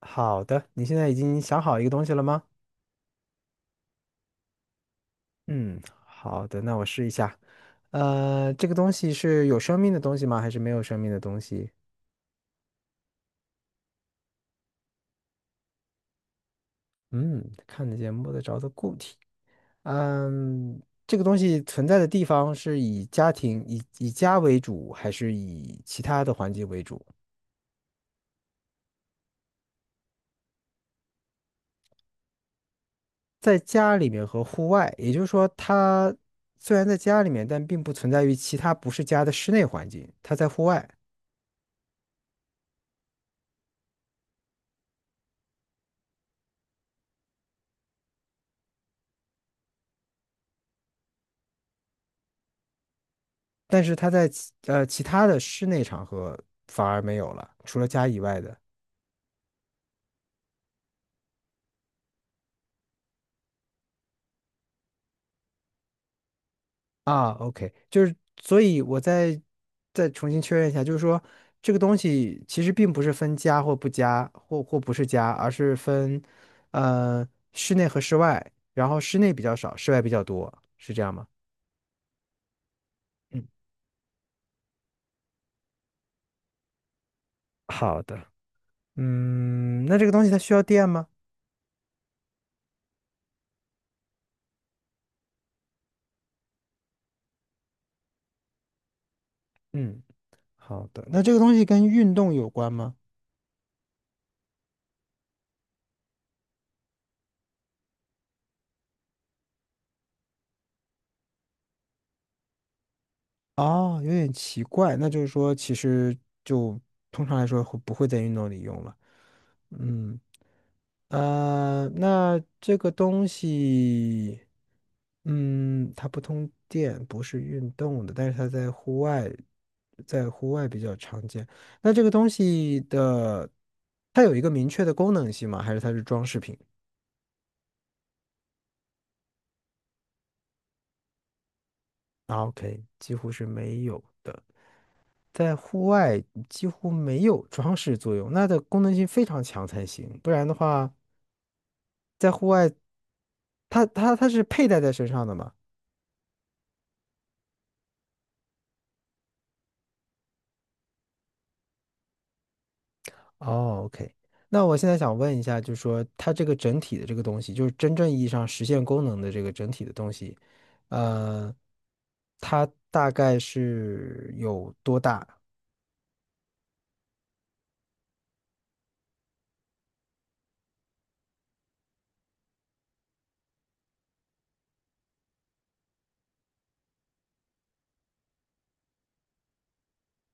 好的，你现在已经想好一个东西了吗？嗯，好的，那我试一下。这个东西是有生命的东西吗？还是没有生命的东西？嗯，看得见、摸得着的固体。嗯，这个东西存在的地方是以家庭、以家为主，还是以其他的环境为主？在家里面和户外，也就是说，它虽然在家里面，但并不存在于其他不是家的室内环境，它在户外。但是它在其他的室内场合反而没有了，除了家以外的啊。OK，就是所以再重新确认一下，就是说这个东西其实并不是分家或不家或不是家，而是分呃室内和室外，然后室内比较少，室外比较多，是这样吗？嗯，好的。嗯，那这个东西它需要电吗？嗯，好的。那这个东西跟运动有关吗？哦，有点奇怪，那就是说，其实就通常来说会不会在运动里用了？嗯，那这个东西，嗯，它不通电，不是运动的，但是它在户外，在户外比较常见。那这个东西的，它有一个明确的功能性吗？还是它是装饰品啊？OK，几乎是没有的。在户外几乎没有装饰作用，那的功能性非常强才行，不然的话，在户外，它是佩戴在身上的嘛？哦，OK，那我现在想问一下，就是说它这个整体的这个东西，就是真正意义上实现功能的这个整体的东西，呃，它大概是有多大？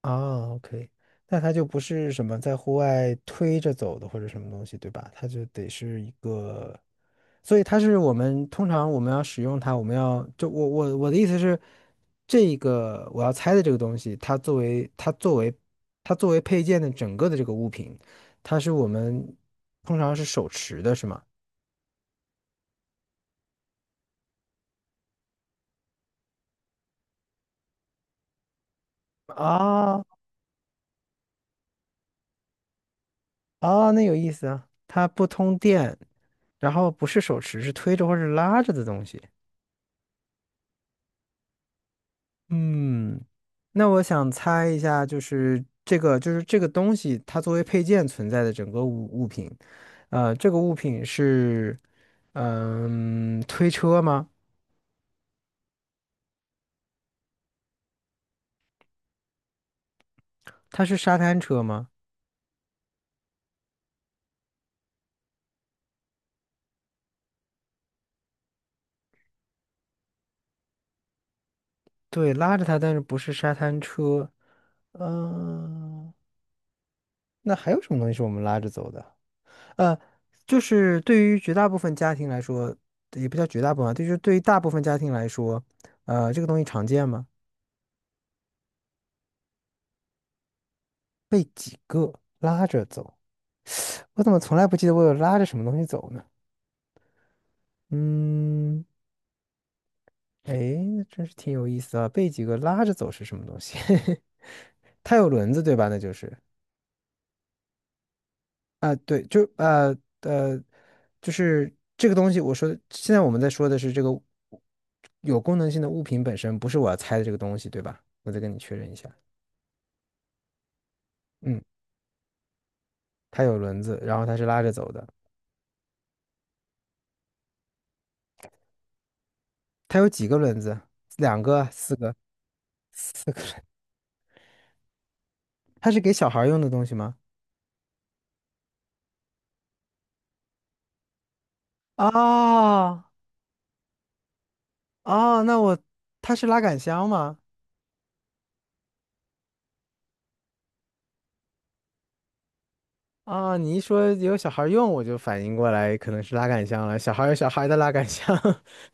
啊，OK，那它就不是什么在户外推着走的或者什么东西，对吧？它就得是一个，所以它是我们通常我们要使用它，我们要就我的意思是，这个我要猜的这个东西，它作为配件的整个的这个物品，它是我们通常是手持的，是吗？啊啊，那有意思啊，它不通电，然后不是手持，是推着或者拉着的东西。嗯，那我想猜一下，就是这个东西，它作为配件存在的整个物品，呃，这个物品是，嗯，推车吗？它是沙滩车吗？对，拉着它，但是不是沙滩车。嗯、那还有什么东西是我们拉着走的？呃，就是对于绝大部分家庭来说，也不叫绝大部分啊，就是对于大部分家庭来说，这个东西常见吗？被几个拉着走。我怎么从来不记得我有拉着什么东西走呢？嗯，哎，那真是挺有意思啊。被几个拉着走是什么东西？它有轮子对吧？那就是啊、对，呃，就是这个东西。我说的，现在我们在说的是这个有功能性的物品本身，不是我要猜的这个东西对吧？我再跟你确认一下。嗯，它有轮子，然后它是拉着走的。它有几个轮子？两个、四个、四个轮它是给小孩儿用的东西吗？啊。哦，那我，它是拉杆箱吗？啊，你一说有小孩儿用，我就反应过来可能是拉杆箱了。小孩儿有小孩儿的拉杆箱，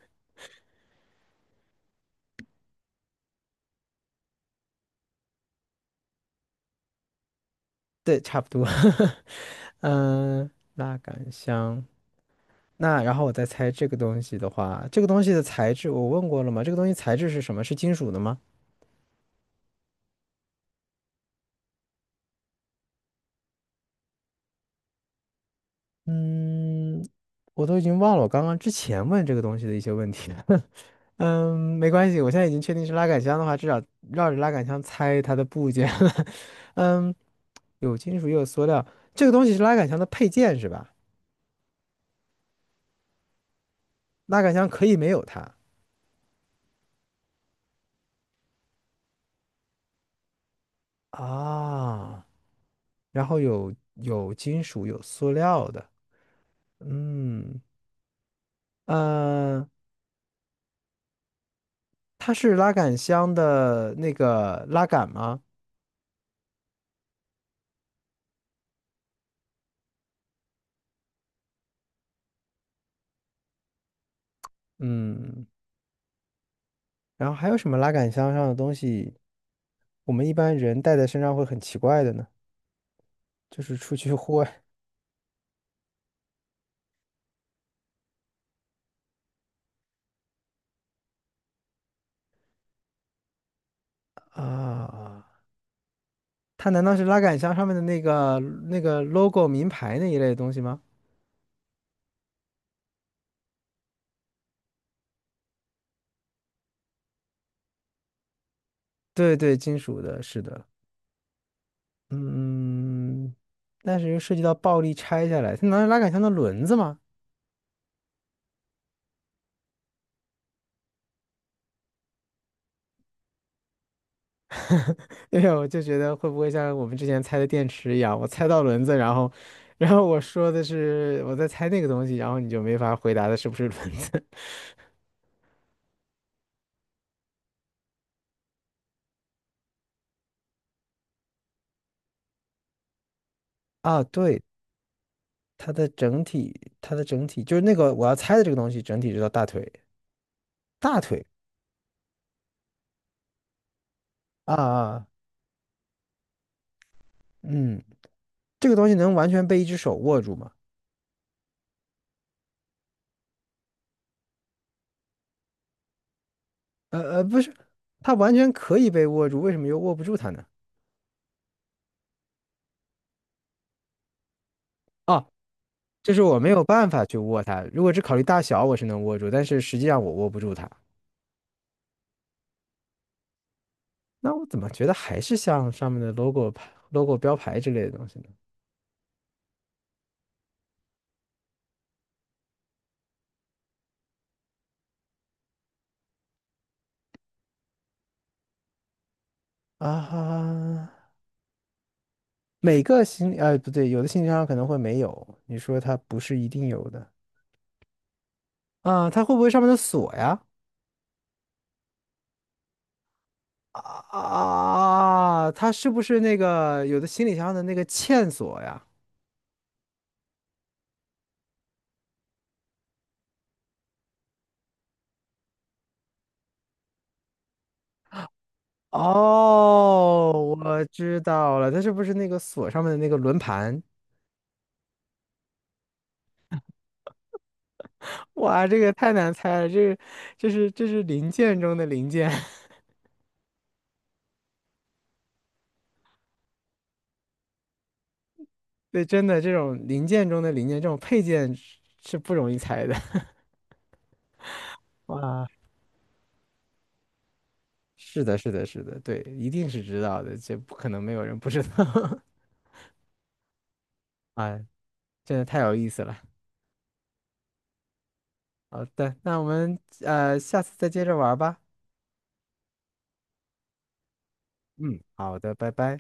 对，差不多。嗯，拉杆箱。那然后我再猜这个东西的话，这个东西的材质我问过了吗？这个东西材质是什么？是金属的吗？嗯，我都已经忘了我刚刚之前问这个东西的一些问题了。嗯，没关系，我现在已经确定是拉杆箱的话，至少绕着拉杆箱猜它的部件了。嗯。有金属也有塑料，这个东西是拉杆箱的配件是吧？拉杆箱可以没有它啊，然后有金属有塑料的，嗯呃，它是拉杆箱的那个拉杆吗？嗯，然后还有什么拉杆箱上的东西，我们一般人带在身上会很奇怪的呢？就是出去户外啊，它难道是拉杆箱上面的那个 logo 名牌那一类的东西吗？对对，金属的，是的。嗯，但是又涉及到暴力拆下来，它难道拉杆箱的轮子吗？对呀，我就觉得会不会像我们之前猜的电池一样，我猜到轮子，然后，然后我说的是我在猜那个东西，然后你就没法回答的是不是轮子 啊？对，它的整体，它的整体就是那个我要猜的这个东西，整体是到大腿，大腿啊，嗯，这个东西能完全被一只手握住吗？不是，它完全可以被握住，为什么又握不住它呢？啊？就是我没有办法去握它。如果只考虑大小，我是能握住，但是实际上我握不住它。那我怎么觉得还是像上面的 logo 牌、logo 标牌之类的东西呢？啊每个行李，哎，不对，有的行李箱可能会没有。你说它不是一定有的啊？它会不会上面的锁呀？啊，它是不是那个有的行李箱的那个嵌锁呀？哦，我知道了，它是不是那个锁上面的那个轮盘？哇，这个太难猜了，这是这是零件中的零件，对，真的这种零件中的零件，这种配件是不容易猜的。哇，是的，是的，是的，对，一定是知道的，这不可能没有人不知道。哎，真的太有意思了。好的，那我们下次再接着玩儿吧。嗯，好的，拜拜。